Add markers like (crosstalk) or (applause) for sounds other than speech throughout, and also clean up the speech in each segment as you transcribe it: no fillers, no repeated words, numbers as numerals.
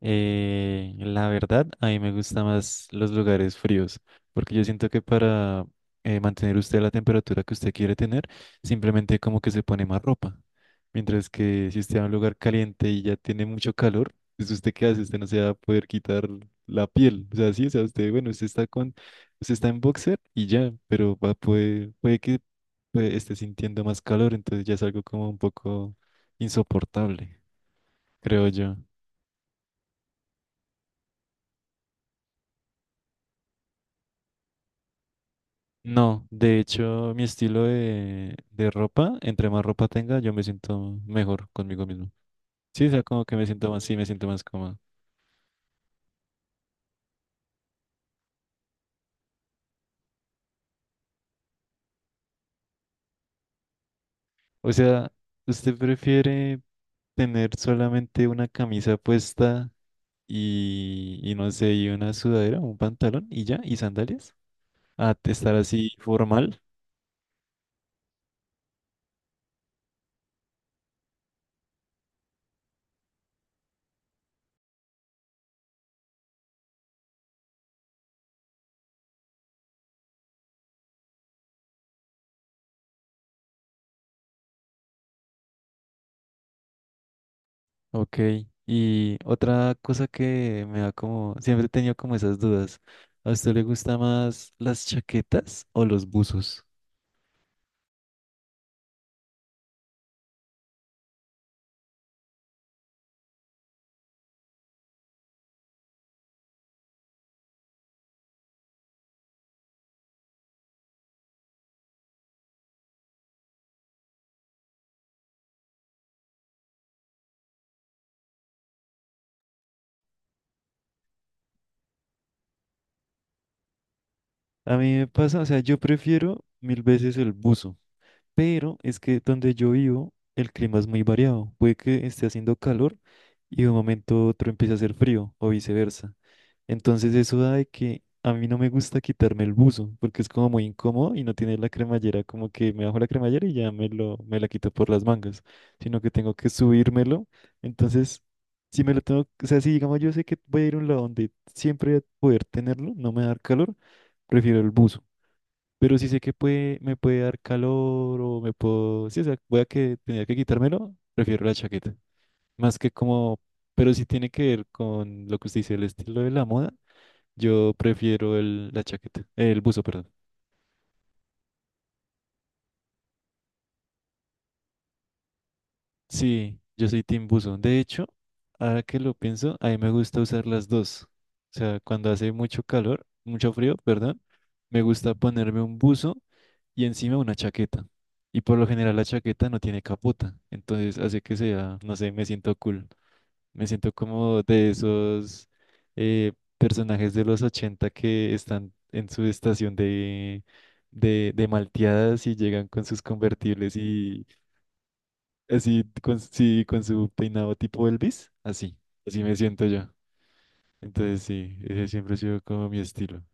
La verdad, a mí me gustan más los lugares fríos, porque yo siento que para mantener usted la temperatura que usted quiere tener, simplemente como que se pone más ropa. Mientras que si usted va a un lugar caliente y ya tiene mucho calor, pues usted qué hace, usted no se va a poder quitar la piel. O sea, sí, o sea, usted, bueno, usted está en boxer y ya, pero puede que pues, esté sintiendo más calor, entonces ya es algo como un poco insoportable, creo yo. No, de hecho, mi estilo de ropa, entre más ropa tenga, yo me siento mejor conmigo mismo. Sí, o sea, como que me siento más, sí, me siento más cómodo. O sea, ¿usted prefiere tener solamente una camisa puesta y no sé, y una sudadera, un pantalón y ya, y sandalias? Estar así formal. Ok. Y otra cosa que me da como, siempre he tenido como esas dudas. ¿A usted le gusta más las chaquetas o los buzos? A mí me pasa, o sea, yo prefiero mil veces el buzo. Pero es que donde yo vivo, el clima es muy variado. Puede que esté haciendo calor y de un momento a otro empiece a hacer frío o viceversa. Entonces eso da de que a mí no me gusta quitarme el buzo porque es como muy incómodo y no tiene la cremallera, como que me bajo la cremallera y ya me lo, me la quito por las mangas, sino que tengo que subírmelo. Entonces, si me lo tengo, o sea, si digamos yo sé que voy a ir a un lado donde siempre voy a poder tenerlo, no me va a dar calor, prefiero el buzo. Pero si sé que puede, me puede dar calor o me puedo... Sí, o sea, voy a que tenía que quitármelo, prefiero la chaqueta. Más que como... Pero si tiene que ver con lo que usted dice, el estilo de la moda, yo prefiero el, la chaqueta, el buzo, perdón. Sí, yo soy Team Buzo. De hecho, ahora que lo pienso, a mí me gusta usar las dos. O sea, cuando hace mucho calor, mucho frío, perdón, me gusta ponerme un buzo y encima una chaqueta. Y por lo general la chaqueta no tiene capota, entonces hace que sea, no sé, me siento cool. Me siento como de esos eh, personajes de los 80 que están en su estación de malteadas y llegan con sus convertibles y así con, sí, con su peinado tipo Elvis, así, así me siento yo. Entonces sí, ese siempre ha sido como mi estilo.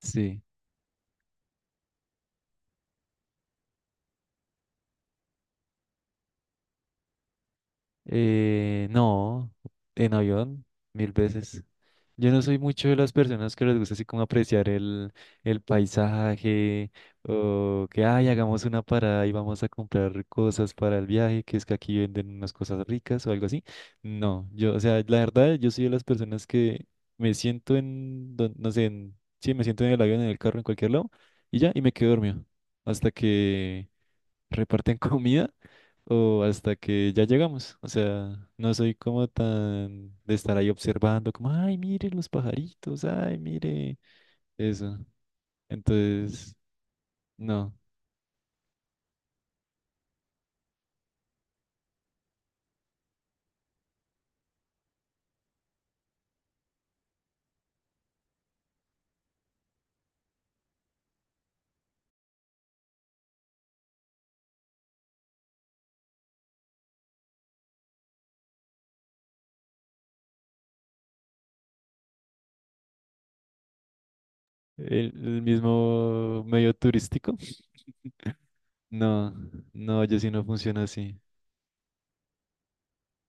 Sí. No, en avión, mil veces. Yo no soy mucho de las personas que les gusta así como apreciar el paisaje o que, ay, hagamos una parada y vamos a comprar cosas para el viaje, que es que aquí venden unas cosas ricas o algo así. No, yo, o sea, la verdad, yo soy de las personas que me siento no sé, sí, me siento en el avión, en el carro, en cualquier lado y ya, y me quedo dormido hasta que reparten (laughs) comida o hasta que ya llegamos. O sea, no soy como tan de estar ahí observando, como, ay, mire los pajaritos, ay, mire eso. Entonces, no. El mismo medio turístico, no, no, yo sí no funciona así.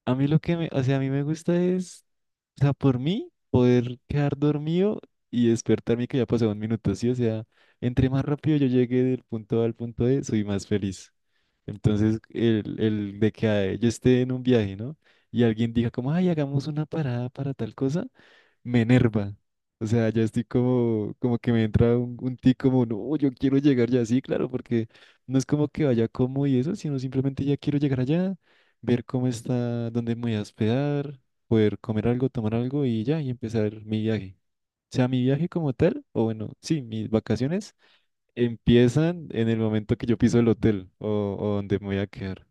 A mí lo que me, o sea, a mí me gusta es, o sea, por mí, poder quedar dormido y despertarme que ya pasó un minuto, sí, o sea, entre más rápido yo llegue del punto A al punto B, soy más feliz. Entonces, el de que yo esté en un viaje, ¿no? Y alguien diga como, ay, hagamos una parada para tal cosa, me enerva. O sea, ya estoy como, como que me entra un tic como, no, yo quiero llegar ya sí claro, porque no es como que vaya como y eso, sino simplemente ya quiero llegar allá, ver cómo está, dónde me voy a hospedar, poder comer algo, tomar algo y ya, y empezar mi viaje. O sea, mi viaje como tal, o bueno, sí, mis vacaciones empiezan en el momento que yo piso el hotel o donde me voy a quedar.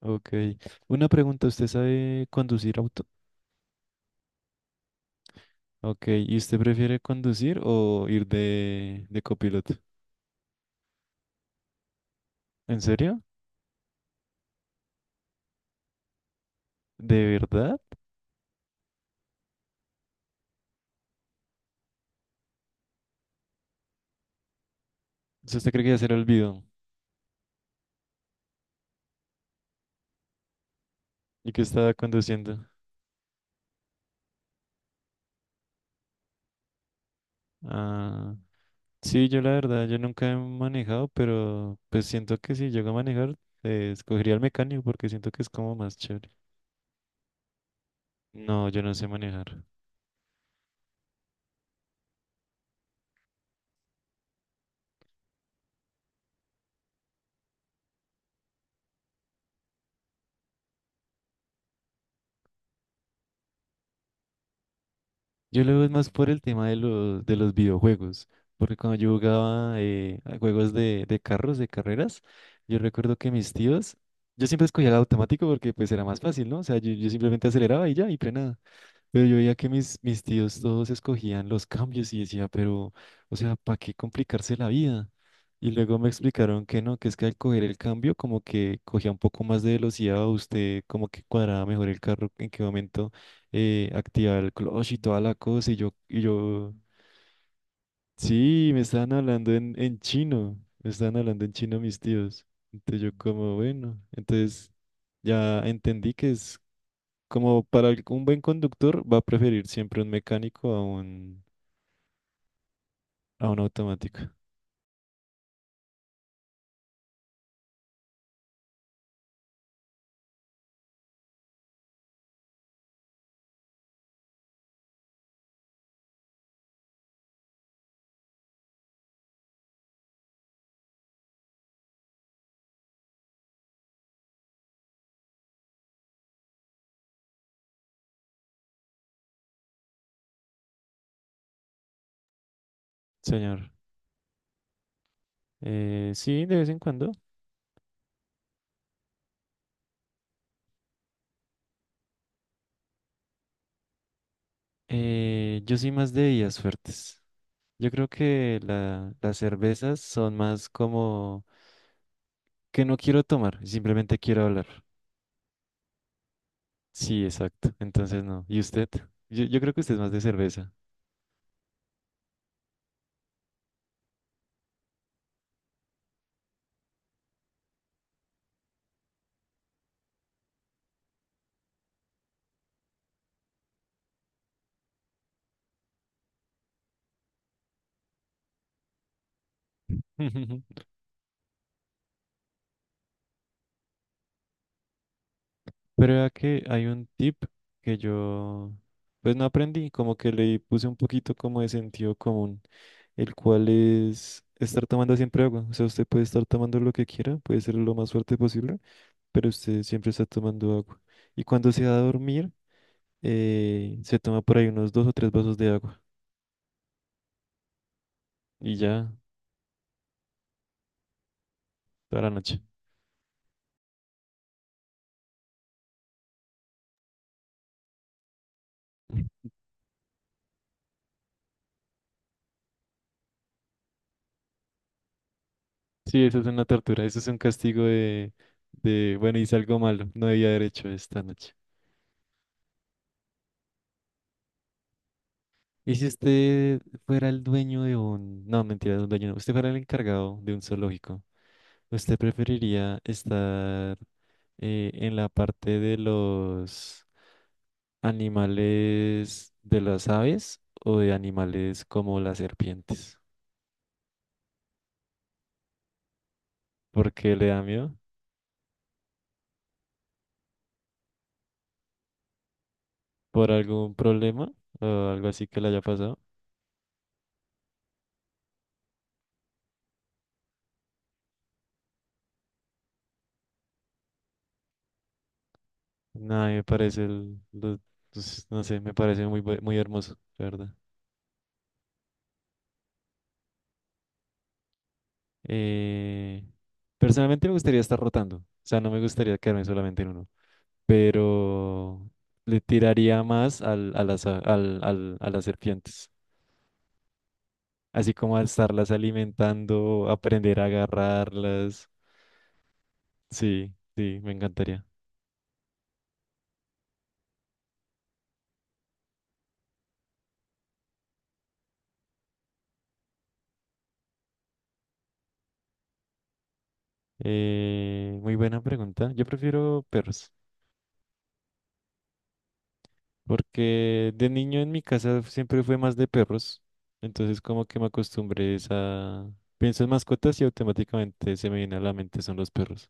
Ok. Una pregunta, ¿usted sabe conducir auto? Ok. ¿Y usted prefiere conducir o ir de copiloto? ¿En serio? ¿De verdad? O sea, ¿usted cree que ya se le olvidó? ¿Y que estaba conduciendo? Ah, sí, yo la verdad, yo nunca he manejado, pero pues siento que si llego a manejar, escogería el mecánico porque siento que es como más chévere. No, yo no sé manejar. Yo lo veo más por el tema de de los videojuegos, porque cuando yo jugaba a juegos de carros, de carreras, yo recuerdo que mis tíos, yo siempre escogía el automático porque pues era más fácil, ¿no? O sea, yo simplemente aceleraba y ya, y frenaba. Pero yo veía que mis tíos todos escogían los cambios y decía, pero, o sea, ¿para qué complicarse la vida? Y luego me explicaron que no, que es que al coger el cambio como que cogía un poco más de velocidad, usted como que cuadraba mejor el carro, en qué momento activaba el clutch y toda la cosa. Y yo, sí, me estaban hablando en chino, me estaban hablando en chino mis tíos. Entonces yo como, bueno, entonces ya entendí que es como para un buen conductor va a preferir siempre un mecánico a un automático. Señor, sí, de vez en cuando. Yo soy más de bebidas fuertes. Yo creo que las cervezas son más como que no quiero tomar, simplemente quiero hablar. Sí, exacto. Entonces no. ¿Y usted? Yo creo que usted es más de cerveza. (laughs) Pero vea que hay un tip que yo, pues no aprendí, como que le puse un poquito como de sentido común, el cual es estar tomando siempre agua. O sea, usted puede estar tomando lo que quiera, puede ser lo más fuerte posible, pero usted siempre está tomando agua. Y cuando se va a dormir, se toma por ahí unos dos o tres vasos de agua y ya toda la noche. Sí, eso es una tortura, eso es un castigo bueno, hice algo malo, no debía haber hecho esta noche. ¿Y si usted fuera el dueño de un... No, mentira, de un dueño no. Usted fuera el encargado de un zoológico. ¿Usted preferiría estar en la parte de los animales de las aves o de animales como las serpientes? ¿Por qué le da miedo? ¿Por algún problema o algo así que le haya pasado? Nada, me parece el... pues, no sé, me parece muy, muy hermoso, la verdad. Eh, personalmente me gustaría estar rotando, o sea, no me gustaría quedarme solamente en uno, pero le tiraría más al, a las, a- al, al- a las serpientes, así como a estarlas alimentando, aprender a agarrarlas. Sí, sí, me encantaría. Muy buena pregunta. Yo prefiero perros, porque de niño en mi casa siempre fue más de perros, entonces como que me acostumbré es a... Pienso en mascotas y automáticamente se me viene a la mente son los perros.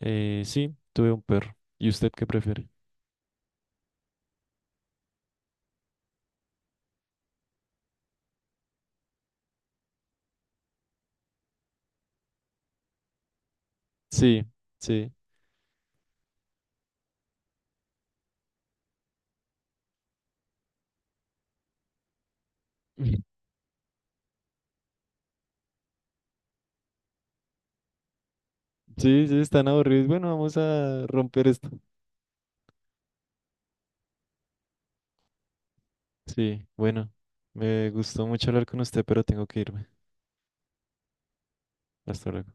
Sí, tuve un perro. ¿Y usted qué prefiere? Sí, sí. (laughs) Sí, sí, están aburridos. Bueno, vamos a romper esto. Sí, bueno, me gustó mucho hablar con usted, pero tengo que irme. Hasta luego.